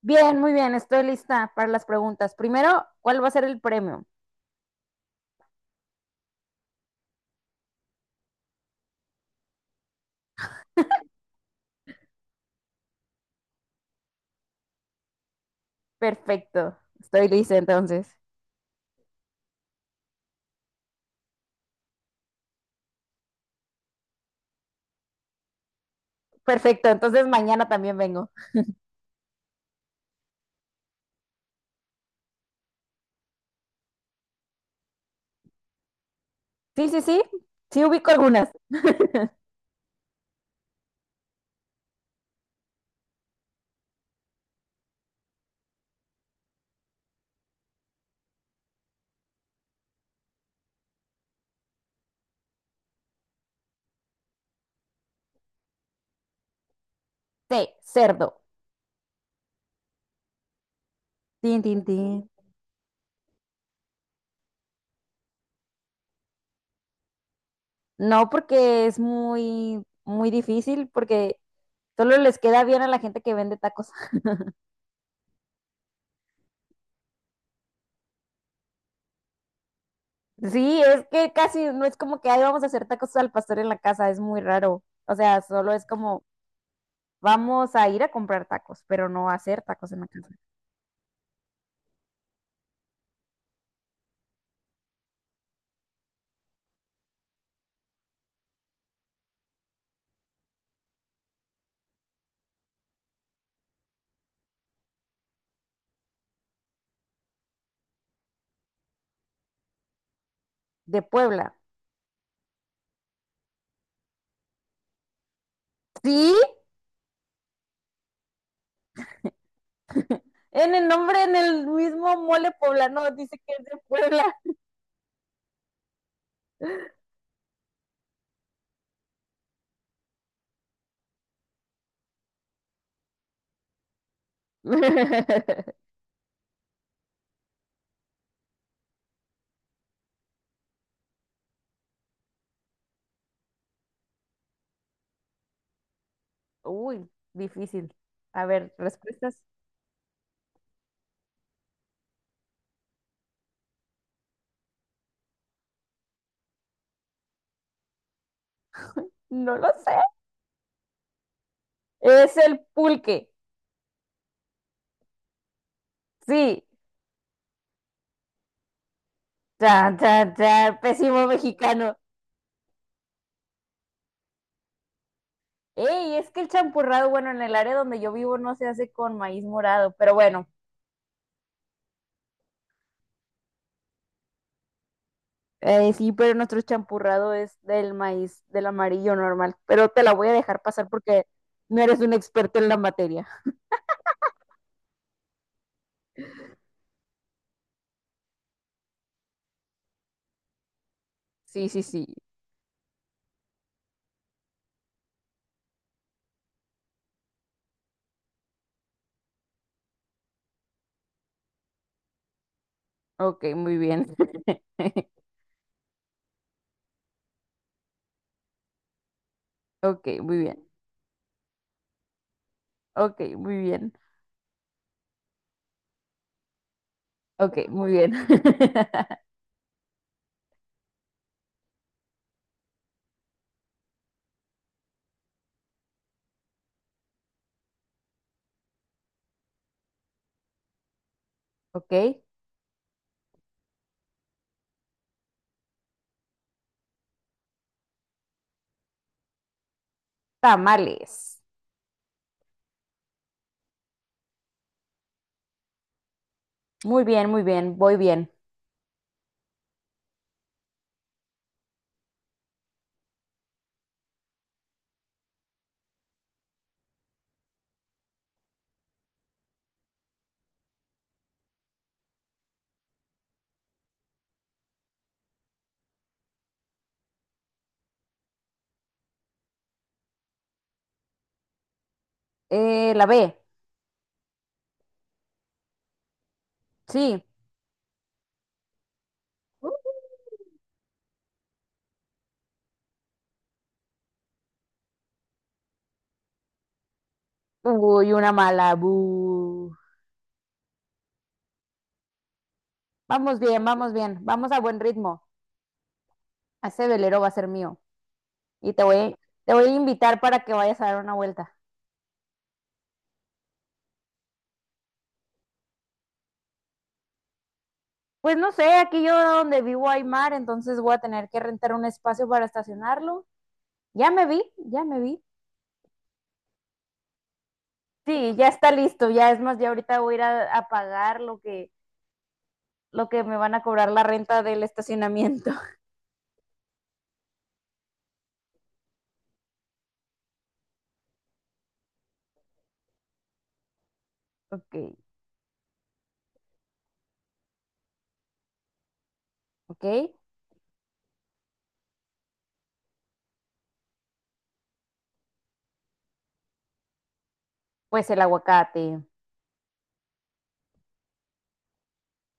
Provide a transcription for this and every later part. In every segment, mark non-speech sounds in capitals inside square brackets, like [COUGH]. Bien, muy bien, estoy lista para las preguntas. Primero, ¿cuál va a ser el premio? Perfecto, estoy lista entonces. Perfecto, entonces mañana también vengo. Sí, sí, sí, sí ubico algunas. Sí, cerdo. Tin, tin, tin. No porque es muy, muy difícil, porque solo les queda bien a la gente que vende tacos. [LAUGHS] Sí, es que casi no es como que ahí vamos a hacer tacos al pastor en la casa, es muy raro. O sea, solo es como vamos a ir a comprar tacos, pero no a hacer tacos en la casa. De Puebla. Sí, en el nombre, en el mismo mole poblano, dice que es de Puebla. [LAUGHS] Uy, difícil. A ver, respuestas. No lo sé. Es el pulque. Sí. Chan, chan, chan, pésimo mexicano. Ey, es que el champurrado, bueno, en el área donde yo vivo no se hace con maíz morado, pero bueno. Sí, pero nuestro champurrado es del maíz, del amarillo normal. Pero te la voy a dejar pasar porque no eres un experto en la materia. Sí, sí, sí. Ok, muy bien. [LAUGHS] Ok, muy bien. Ok, muy bien. Ok, muy bien. [LAUGHS] Ok, tamales. Muy bien, muy bien. Voy bien. La B. Sí. Uy, una mala. Bu. Vamos bien, vamos bien. Vamos a buen ritmo. Ese velero va a ser mío. Y te voy, Te voy a invitar para que vayas a dar una vuelta. Pues no sé, aquí yo donde vivo hay mar, entonces voy a tener que rentar un espacio para estacionarlo. Ya me vi, ya me vi. Sí, ya está listo, ya es más, ya ahorita voy a ir a pagar lo lo que me van a cobrar la renta del estacionamiento. [LAUGHS] Ok, ok. Pues el aguacate.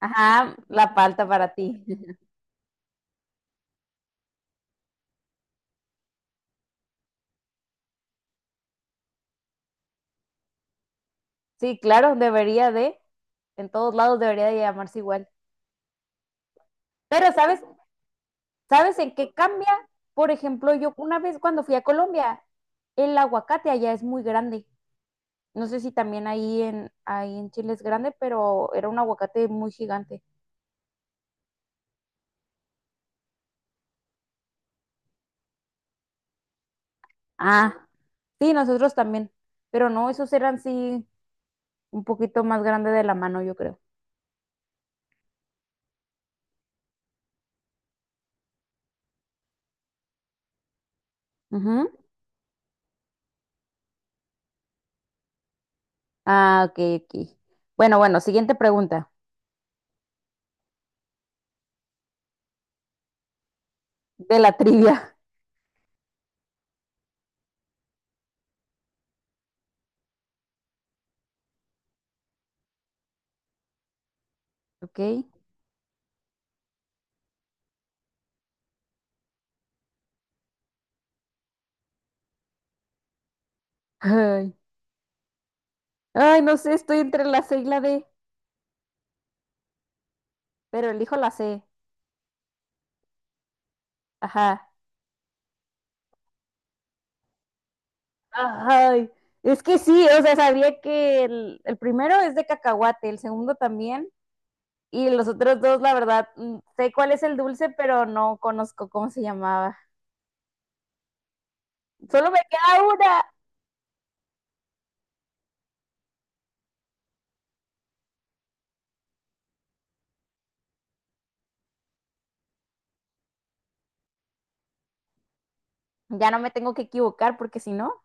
Ajá, la palta para ti. [LAUGHS] Sí, claro, en todos lados debería de llamarse igual. Pero, ¿sabes? ¿Sabes en qué cambia? Por ejemplo, yo una vez cuando fui a Colombia, el aguacate allá es muy grande. No sé si también ahí en Chile es grande, pero era un aguacate muy gigante. Ah, sí, nosotros también, pero no, esos eran sí un poquito más grande de la mano, yo creo. Ujú. Ah, ok, ok. Bueno, bueno, siguiente pregunta de la trivia, [LAUGHS] ok. Ay, ay, no sé, estoy entre la C y la D, pero elijo la C. Ajá. Ay, es que sí, o sea, sabía que el primero es de cacahuate, el segundo también, y los otros dos, la verdad, mm, sé cuál es el dulce, pero no conozco cómo se llamaba. Solo me queda una. Ya no me tengo que equivocar porque si no,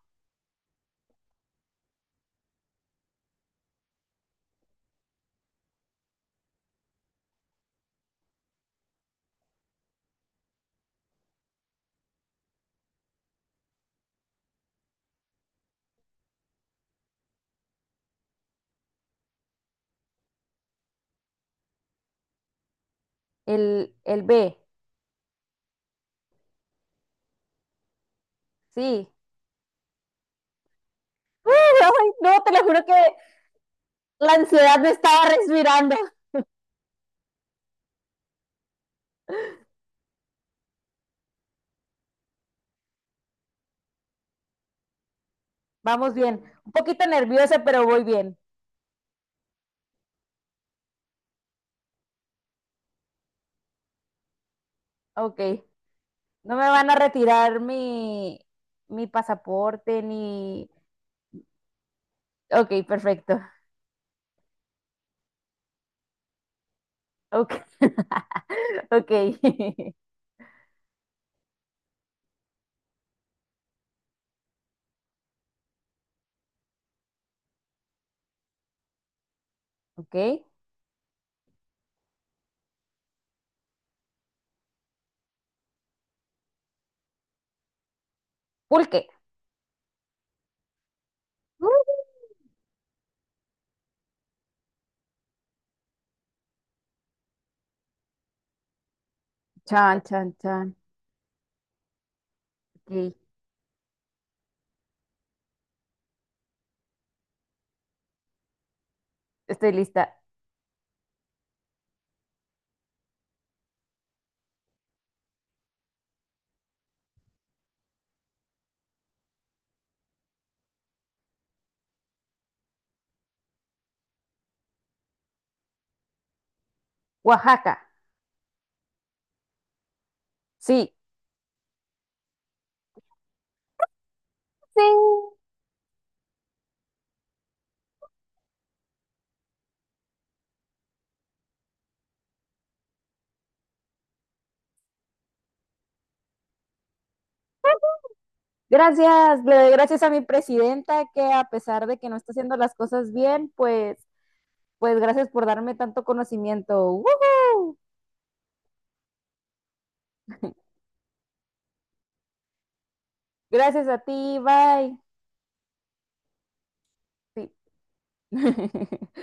el B. Sí. [LAUGHS] Ay, no, te lo juro que la ansiedad me estaba respirando. Vamos bien. Un poquito nerviosa, pero voy bien. Ok. No me van a retirar mi pasaporte ni... Ok, perfecto. Ok, [LAUGHS] ok. [LAUGHS] Ok. Pulque. Chan, chan, chan. Ok. Estoy lista. Oaxaca. Sí. Sí. Gracias, le doy gracias a mi presidenta que a pesar de que no está haciendo las cosas bien, pues, pues gracias por darme tanto conocimiento. ¡Woohoo! Gracias a ti, bye. Sí. [LAUGHS]